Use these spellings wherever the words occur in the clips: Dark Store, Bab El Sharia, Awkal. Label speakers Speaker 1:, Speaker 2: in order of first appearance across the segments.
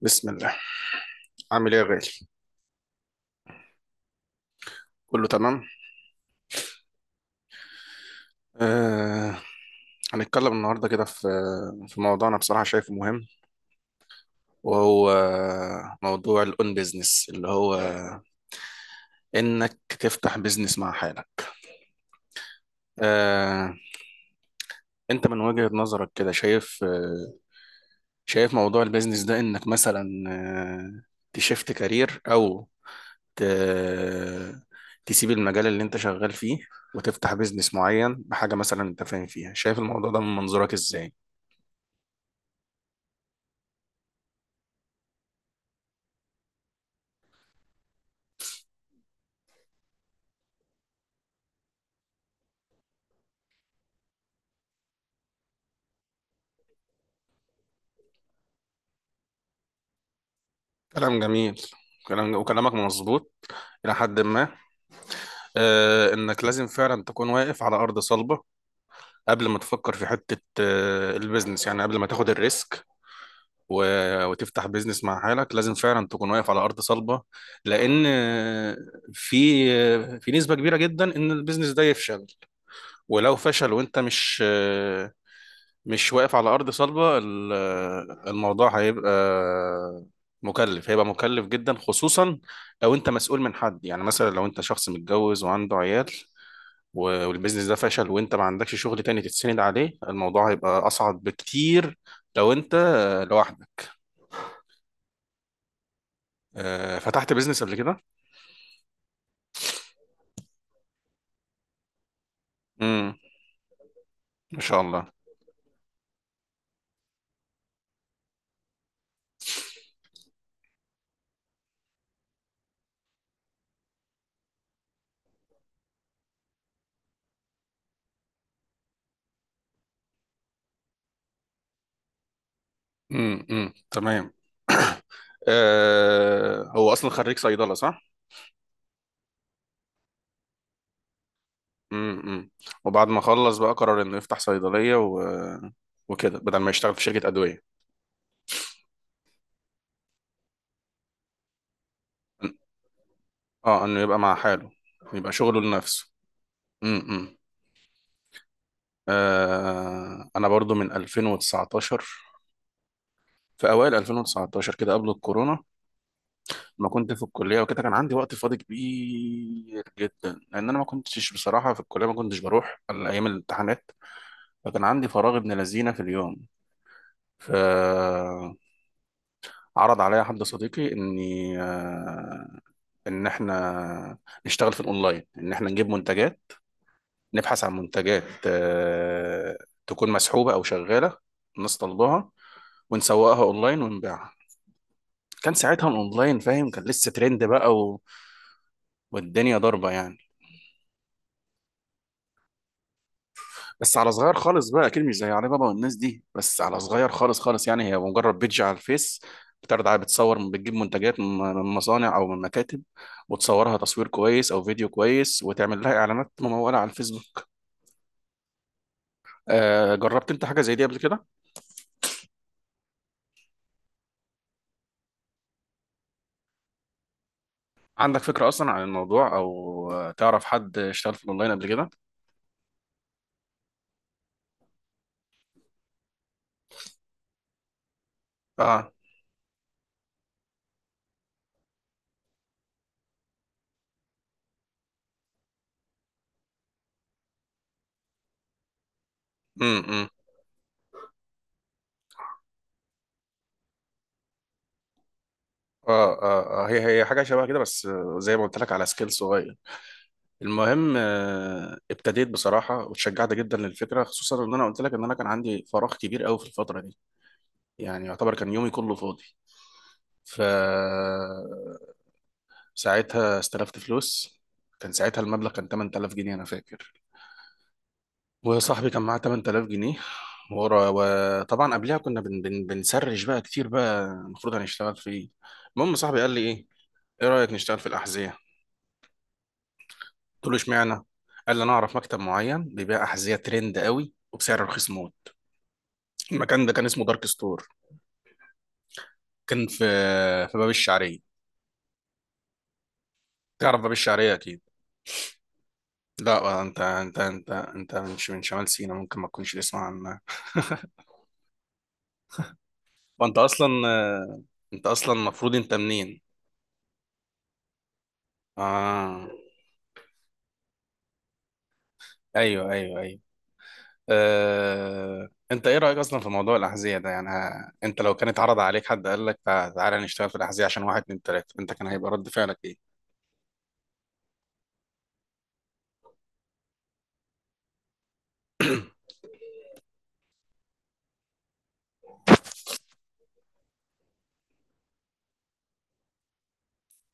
Speaker 1: بسم الله. عامل ايه يا غالي؟ كله تمام. آه. هنتكلم النهارده كده في موضوع، انا بصراحه شايفه مهم، وهو موضوع الاون بيزنس اللي هو انك تفتح بيزنس مع حالك. آه انت من وجهة نظرك كده شايف موضوع البيزنس ده، انك مثلا تشفت كارير او ت... تسيب المجال اللي انت شغال فيه، وتفتح بيزنس معين بحاجة مثلا انت فاهم فيها. شايف الموضوع ده من منظورك ازاي؟ كلام جميل. كلام وكلامك مظبوط إلى حد ما. إنك لازم فعلا تكون واقف على أرض صلبة قبل ما تفكر في حتة البيزنس، يعني قبل ما تاخد الريسك. و... وتفتح بيزنس مع حالك لازم فعلا تكون واقف على أرض صلبة، لأن في نسبة كبيرة جدا إن البيزنس ده يفشل. ولو فشل وأنت مش واقف على أرض صلبة الموضوع هيبقى مكلف، هيبقى مكلف جدا، خصوصا لو انت مسؤول من حد، يعني مثلا لو انت شخص متجوز وعنده عيال والبيزنس ده فشل وانت ما عندكش شغل تاني تتسند عليه، الموضوع هيبقى أصعب بكتير لو انت لوحدك. فتحت بيزنس قبل كده؟ امم. ما شاء الله. امم. امم. تمام. هو أصلا خريج صيدلة، صح؟ امم. وبعد ما خلص بقى قرر انه يفتح صيدلية. وكده بدل ما يشتغل في شركة أدوية. اه، انه يبقى مع حاله، يبقى شغله لنفسه. امم. آه انا برضو من 2019، في اوائل 2019 كده قبل الكورونا، ما كنت في الكليه وكده، كان عندي وقت فاضي كبير جدا، لان انا ما كنتش بصراحه في الكليه، ما كنتش بروح الا ايام الامتحانات. فكان عندي فراغ ابن لذينه في اليوم. فعرض عليا حد صديقي اني آه، ان احنا نشتغل في الاونلاين، ان احنا نجيب منتجات، نبحث عن منتجات تكون مسحوبة او شغالة، الناس طالباها، ونسوقها اونلاين ونبيعها. كان ساعتها الاونلاين فاهم، كان لسه ترند بقى. والدنيا ضاربة يعني. بس على صغير خالص بقى، اكيد مش زي علي بابا والناس دي، بس على صغير خالص خالص، يعني هي مجرد بيدج على الفيس، بتعرض على، بتصور، بتجيب منتجات من مصانع او من مكاتب، وتصورها تصوير كويس او فيديو كويس، وتعمل لها اعلانات ممولة على الفيسبوك. جربت انت حاجة زي دي قبل كده؟ عندك فكرة أصلا عن الموضوع، أو تعرف حد اشتغل في الأونلاين قبل كده؟ اه. امم. هي حاجة شبه كده، بس زي ما قلت لك، على سكيل صغير. المهم ابتديت بصراحة واتشجعت جدا للفكرة، خصوصا ان انا قلت لك ان انا كان عندي فراغ كبير قوي في الفترة دي، يعني يعتبر كان يومي كله فاضي. ف ساعتها استلفت فلوس. كان ساعتها المبلغ كان 8000 جنيه انا فاكر، وصاحبي كان معاه 8000 جنيه. ورا، وطبعا قبلها كنا بن بن بنسرش بقى كتير بقى، المفروض هنشتغل في ايه. المهم صاحبي قال لي ايه، ايه رأيك نشتغل في الأحذية؟ قلت له اشمعنى؟ قال لي انا اعرف مكتب معين بيبيع أحذية ترند قوي وبسعر رخيص موت. المكان ده كان اسمه دارك ستور، كان في باب الشعرية. تعرف باب الشعرية اكيد؟ لا، انت مش من شمال سيناء، ممكن ما تكونش تسمع عنها. وانت اصلا، انت اصلا المفروض انت منين؟ اه. ايوه ايوه ايوه. انت ايه رأيك اصلا في موضوع الأحذية ده؟ يعني انت لو كان اتعرض عليك حد قال لك تعالى نشتغل في الأحذية عشان واحد اتنين تلاتة، انت كان هيبقى رد فعلك ايه؟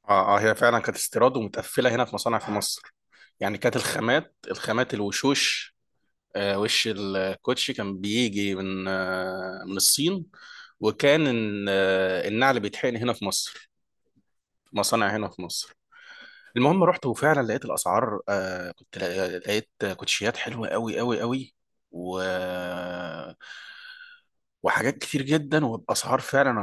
Speaker 1: اه اه، هي فعلا كانت استيراد ومتقفلة هنا في مصانع في مصر، يعني كانت الخامات، الوشوش. وش الكوتشي كان بيجي من من الصين، وكان النعل بيتحقن هنا في مصر، في مصانع هنا في مصر. المهم رحت وفعلا لقيت الاسعار، آه كنت لا- لقيت كوتشيات حلوه قوي قوي قوي، و وحاجات كتير جدا وباسعار، فعلا انا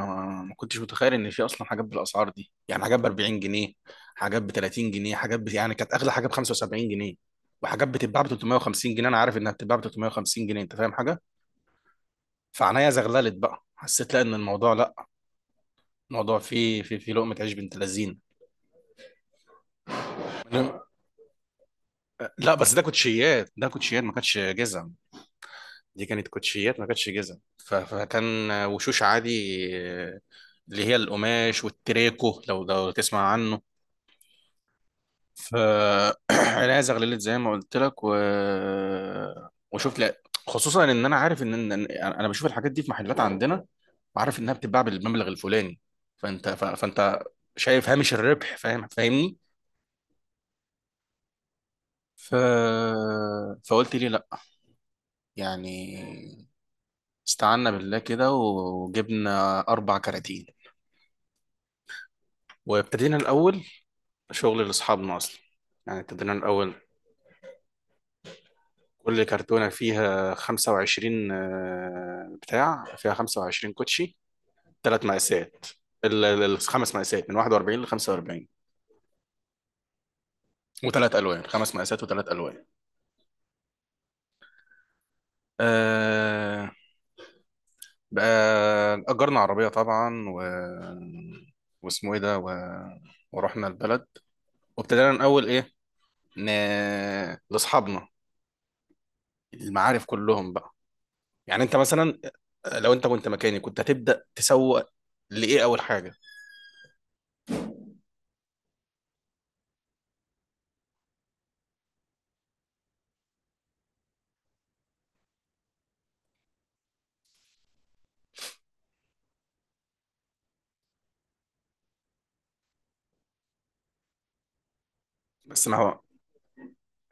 Speaker 1: ما كنتش متخيل ان في اصلا حاجات بالاسعار دي، يعني حاجات ب 40 جنيه، حاجات ب 30 جنيه، يعني كانت اغلى حاجه ب 75 جنيه، وحاجات بتتباع ب 350 جنيه، انا عارف انها بتتباع ب 350 جنيه، انت فاهم حاجه. فعنايا زغللت بقى، حسيت لا ان الموضوع لا الموضوع فيه في لقمه عيش بنت لذين. لا، بس ده كوتشيات، ده كوتشيات ما كانتش جزم دي كانت كوتشيات ما كانتش جزم، فكان وشوش عادي، اللي هي القماش والتريكو، لو تسمع عنه. ف الازغ ليلت زي ما قلت لك. وشوف لا، خصوصا ان انا عارف ان انا بشوف الحاجات دي في محلات عندنا، وعارف انها بتتباع بالمبلغ الفلاني، فانت شايف هامش الربح، فاهم، فاهمني. ف... فقلت لي لا، يعني استعنا بالله كده وجبنا اربع كراتين، وابتدينا الاول شغل لاصحابنا اصلا، يعني ابتدينا الاول، كل كرتونه فيها 25 آه، بتاع فيها 25 كوتشي، ثلاث مقاسات، الخمس مقاسات من 41 ل 45، وثلاث الوان. خمس مقاسات وثلاث الوان. آه بقى اجرنا عربيه طبعا. و... واسمه ايه ده و... ورحنا البلد. وابتدينا الاول ايه، ن... لاصحابنا، المعارف كلهم بقى. يعني انت مثلا، لو انت كنت مكاني، كنت هتبدا تسوق لايه اول حاجه؟ بس ما هو،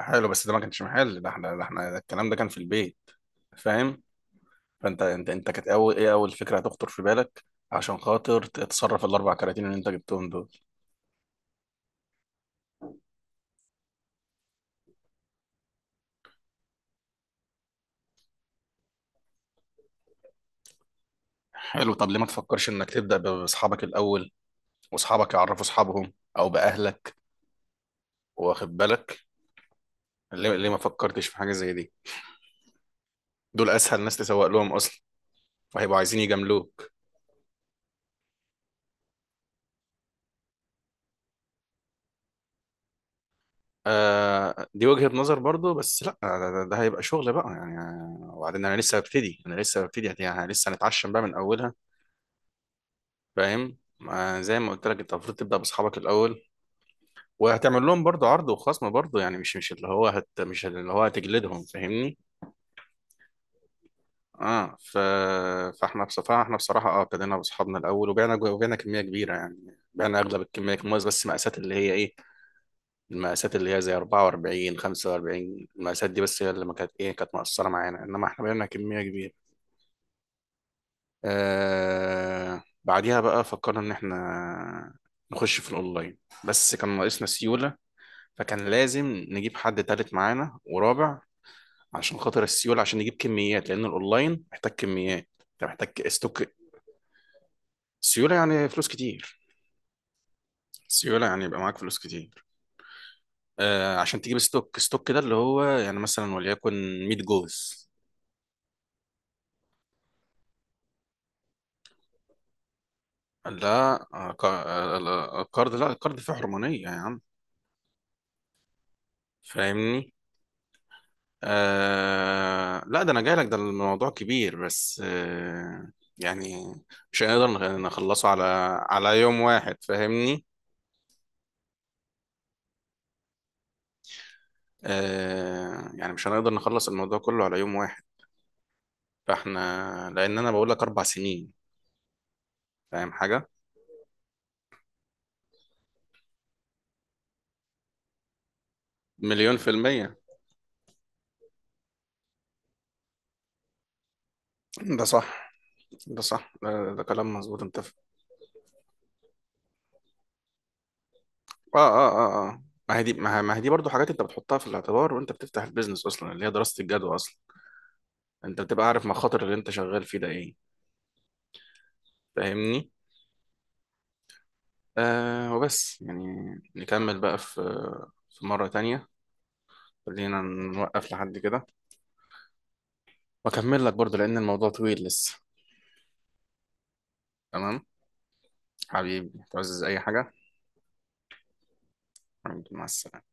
Speaker 1: حلو، بس ده ما كانش محل، ده الكلام ده كان في البيت، فاهم. فانت انت كانت اول ايه اول فكره هتخطر في بالك عشان خاطر تتصرف الاربع كراتين اللي انت جبتهم دول. حلو، طب ليه ما تفكرش انك تبدا باصحابك الاول، واصحابك يعرفوا اصحابهم، او باهلك، واخد بالك. ليه ما فكرتش في حاجه زي دي، دول اسهل ناس تسوق لهم اصلا، وهيبقوا عايزين يجاملوك. آه، دي وجهة نظر برضو، بس لا، ده هيبقى شغل بقى يعني. وبعدين انا لسه ببتدي، يعني أنا لسه هنتعشم بقى من اولها، فاهم. آه، زي ما قلت لك، انت المفروض تبدا باصحابك الاول، وهتعمل لهم برضو عرض وخصم برضو، يعني مش اللي هو هتجلدهم، فاهمني. اه. ف... فاحنا بصراحه احنا بصراحه اه ابتدينا باصحابنا الاول، وبعنا كميه كبيره، يعني بعنا اغلب الكميه الموز، بس مقاسات اللي هي ايه، المقاسات اللي هي زي 44 45، المقاسات دي بس هي اللي ما كانت ايه، كانت مقصره معانا، انما احنا بقينا كميه كبيره. آه، بعديها بقى فكرنا ان احنا نخش في الاونلاين، بس كان ناقصنا سيوله، فكان لازم نجيب حد تالت معانا ورابع عشان خاطر السيوله، عشان نجيب كميات، لان الاونلاين محتاج كميات، انت محتاج استوك. سيوله يعني فلوس كتير، سيوله يعني يبقى معاك فلوس كتير. عشان تجيب ستوك، ستوك ده اللي هو يعني مثلا وليكن 100 جوز. لا، لا، الكارد فيه حرمانية يا عم، فاهمني. لا، ده انا جاي لك، ده الموضوع كبير، بس يعني مش هنقدر نخلصه على يوم واحد، فاهمني. يعني مش هنقدر نخلص الموضوع كله على يوم واحد، فاحنا، لان انا بقول لك 4 سنين، فاهم حاجة. مليون في المية. ده صح، ده صح، ده كلام مظبوط انت. اه. ما هي دي، ما هي دي برضه حاجات انت بتحطها في الاعتبار وانت بتفتح البيزنس اصلا، اللي هي دراسة الجدوى اصلا، انت بتبقى عارف مخاطر اللي انت شغال فيه ده ايه، فاهمني. وبس يعني، نكمل بقى في مرة تانية، خلينا نوقف لحد كده. واكمل لك برضه لان الموضوع طويل لسه. تمام. حبيبي تعزز اي حاجة. حبيبي، مع السلامة.